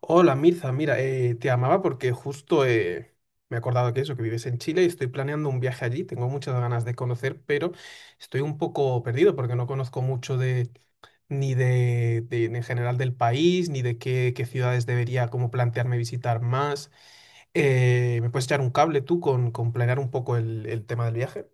Hola Mirza, mira, te amaba porque justo me he acordado que eso, que vives en Chile y estoy planeando un viaje allí. Tengo muchas ganas de conocer, pero estoy un poco perdido porque no conozco mucho de ni en general del país, ni de qué, qué ciudades debería como plantearme visitar más. ¿me puedes echar un cable tú con planear un poco el tema del viaje?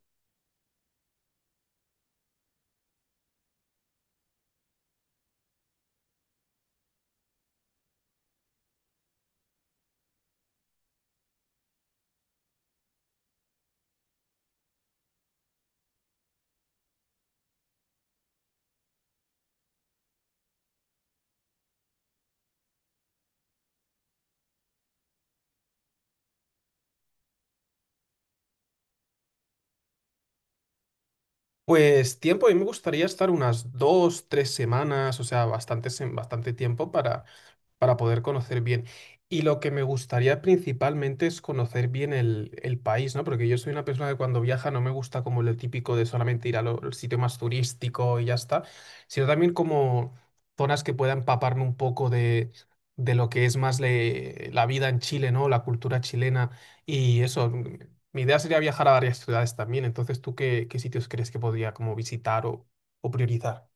Pues tiempo, a mí me gustaría estar unas dos, tres semanas, o sea, bastante, bastante tiempo para poder conocer bien. Y lo que me gustaría principalmente es conocer bien el país, ¿no? Porque yo soy una persona que cuando viaja no me gusta como lo típico de solamente ir al sitio más turístico y ya está, sino también como zonas que pueda empaparme un poco de lo que es más la vida en Chile, ¿no? La cultura chilena y eso. Mi idea sería viajar a varias ciudades también. Entonces, ¿tú qué, qué sitios crees que podría como visitar o priorizar?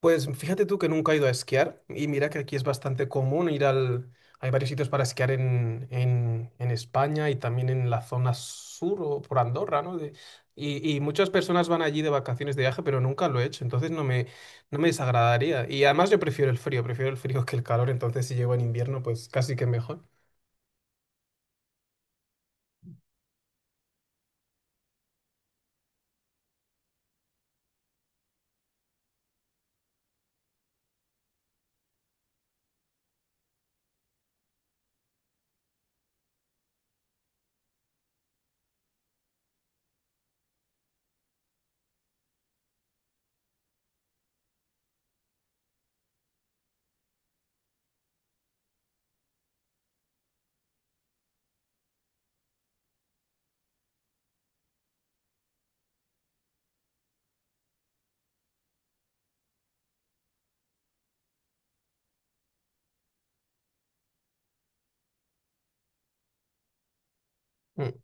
Pues fíjate tú que nunca he ido a esquiar y mira que aquí es bastante común ir al… Hay varios sitios para esquiar en España y también en la zona sur o por Andorra, ¿no? Y, y muchas personas van allí de vacaciones de viaje, pero nunca lo he hecho, entonces no me desagradaría. Y además yo prefiero el frío que el calor, entonces si llego en invierno, pues casi que mejor. Mm,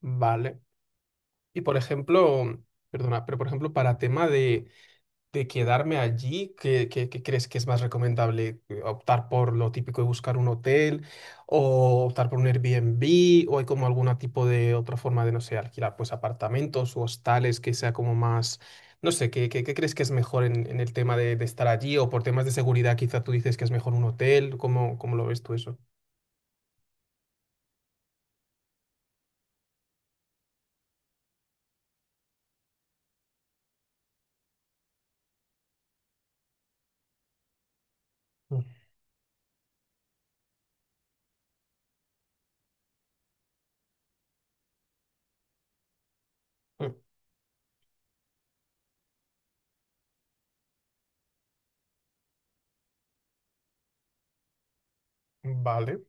vale. Y por ejemplo, perdona, pero por ejemplo, para tema de quedarme allí, ¿qué, qué crees que es más recomendable? ¿Optar por lo típico de buscar un hotel o optar por un Airbnb o hay como algún tipo de otra forma de, no sé, alquilar pues apartamentos o hostales que sea como más, no sé, ¿qué, qué crees que es mejor en el tema de estar allí o por temas de seguridad quizá tú dices que es mejor un hotel? ¿Cómo, cómo lo ves tú eso? Mm. Vale.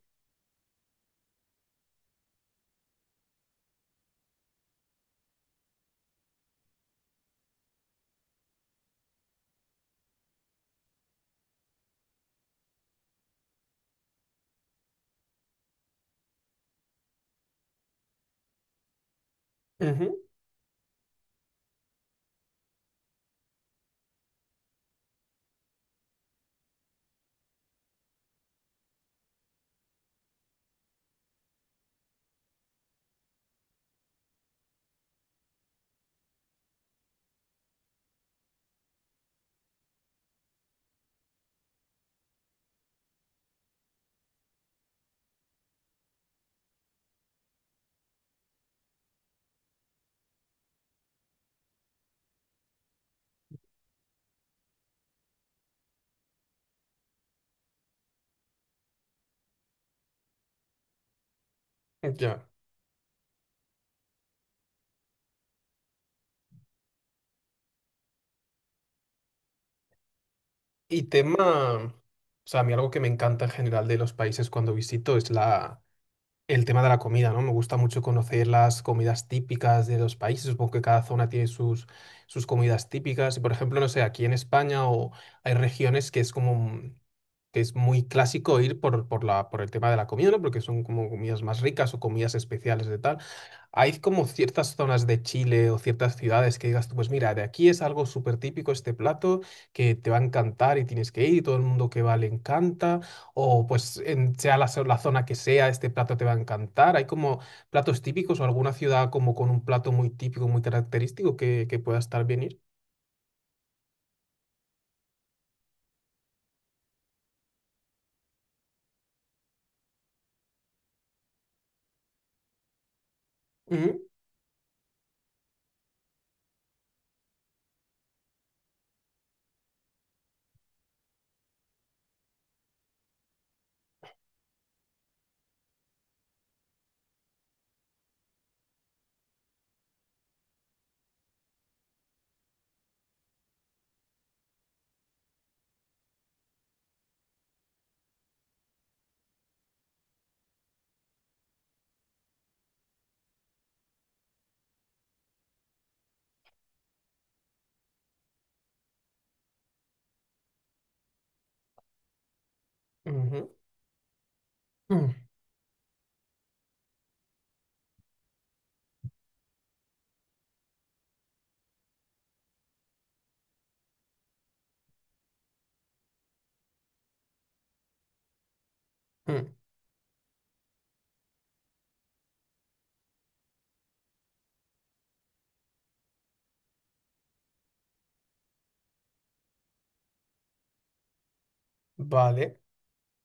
Ujú. Ya. Y tema, o sea, a mí algo que me encanta en general de los países cuando visito es la… El tema de la comida, ¿no? Me gusta mucho conocer las comidas típicas de los países. Supongo que cada zona tiene sus, sus comidas típicas. Y por ejemplo, no sé, aquí en España o hay regiones que es como que es muy clásico ir por, por el tema de la comida, ¿no? Porque son como comidas más ricas o comidas especiales de tal. Hay como ciertas zonas de Chile o ciertas ciudades que digas tú, pues mira, de aquí es algo súper típico este plato que te va a encantar y tienes que ir y todo el mundo que va le encanta, o pues sea la zona que sea, este plato te va a encantar. Hay como platos típicos o alguna ciudad como con un plato muy típico, muy característico que pueda estar bien ir. Ujú, ujú, ujú, ujú. Vale.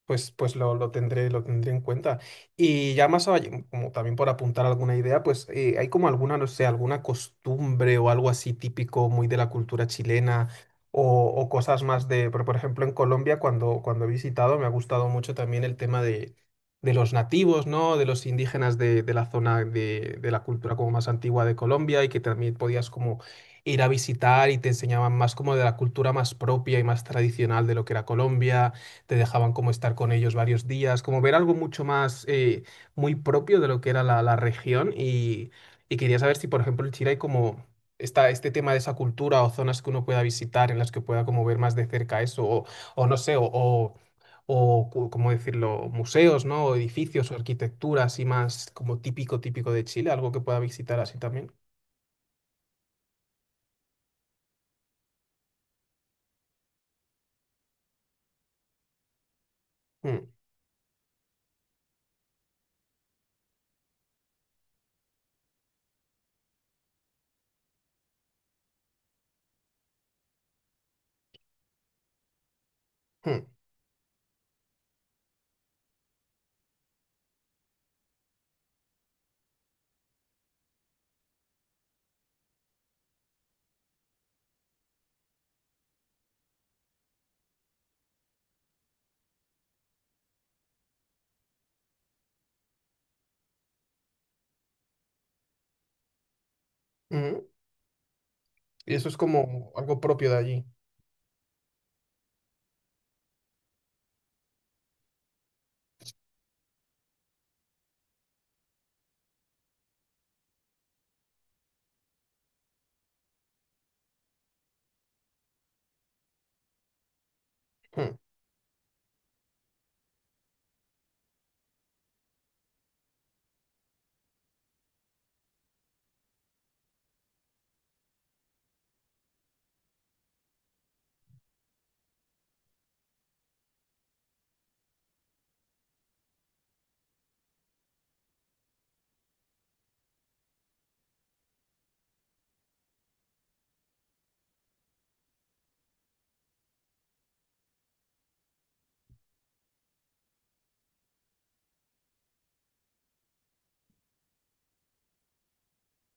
Pues, pues lo, lo tendré en cuenta. Y ya más allá, como también por apuntar alguna idea, pues hay como alguna, no sé, alguna costumbre o algo así típico muy de la cultura chilena o cosas más de, pero por ejemplo en Colombia cuando, cuando he visitado me ha gustado mucho también el tema de los nativos, ¿no? De los indígenas de la zona de la cultura como más antigua de Colombia y que también podías como ir a visitar y te enseñaban más como de la cultura más propia y más tradicional de lo que era Colombia, te dejaban como estar con ellos varios días, como ver algo mucho más muy propio de lo que era la región y quería saber si, por ejemplo, en Chile hay como está este tema de esa cultura o zonas que uno pueda visitar en las que pueda como ver más de cerca eso o no sé, o cómo decirlo, museos, ¿no? O edificios o arquitectura así más como típico, típico de Chile, algo que pueda visitar así también. Mm, mm, mm. Y eso es como algo propio de allí. Mm.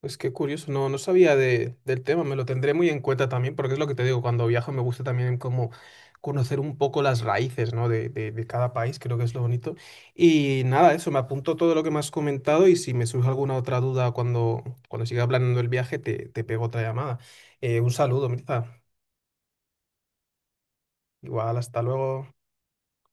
Pues qué curioso, no, no sabía del tema, me lo tendré muy en cuenta también, porque es lo que te digo, cuando viajo me gusta también como conocer un poco las raíces, ¿no? De cada país, creo que es lo bonito. Y nada, eso, me apunto todo lo que me has comentado y si me surge alguna otra duda cuando, cuando siga planeando el viaje, te pego otra llamada. Un saludo, Mirza. Igual, hasta luego.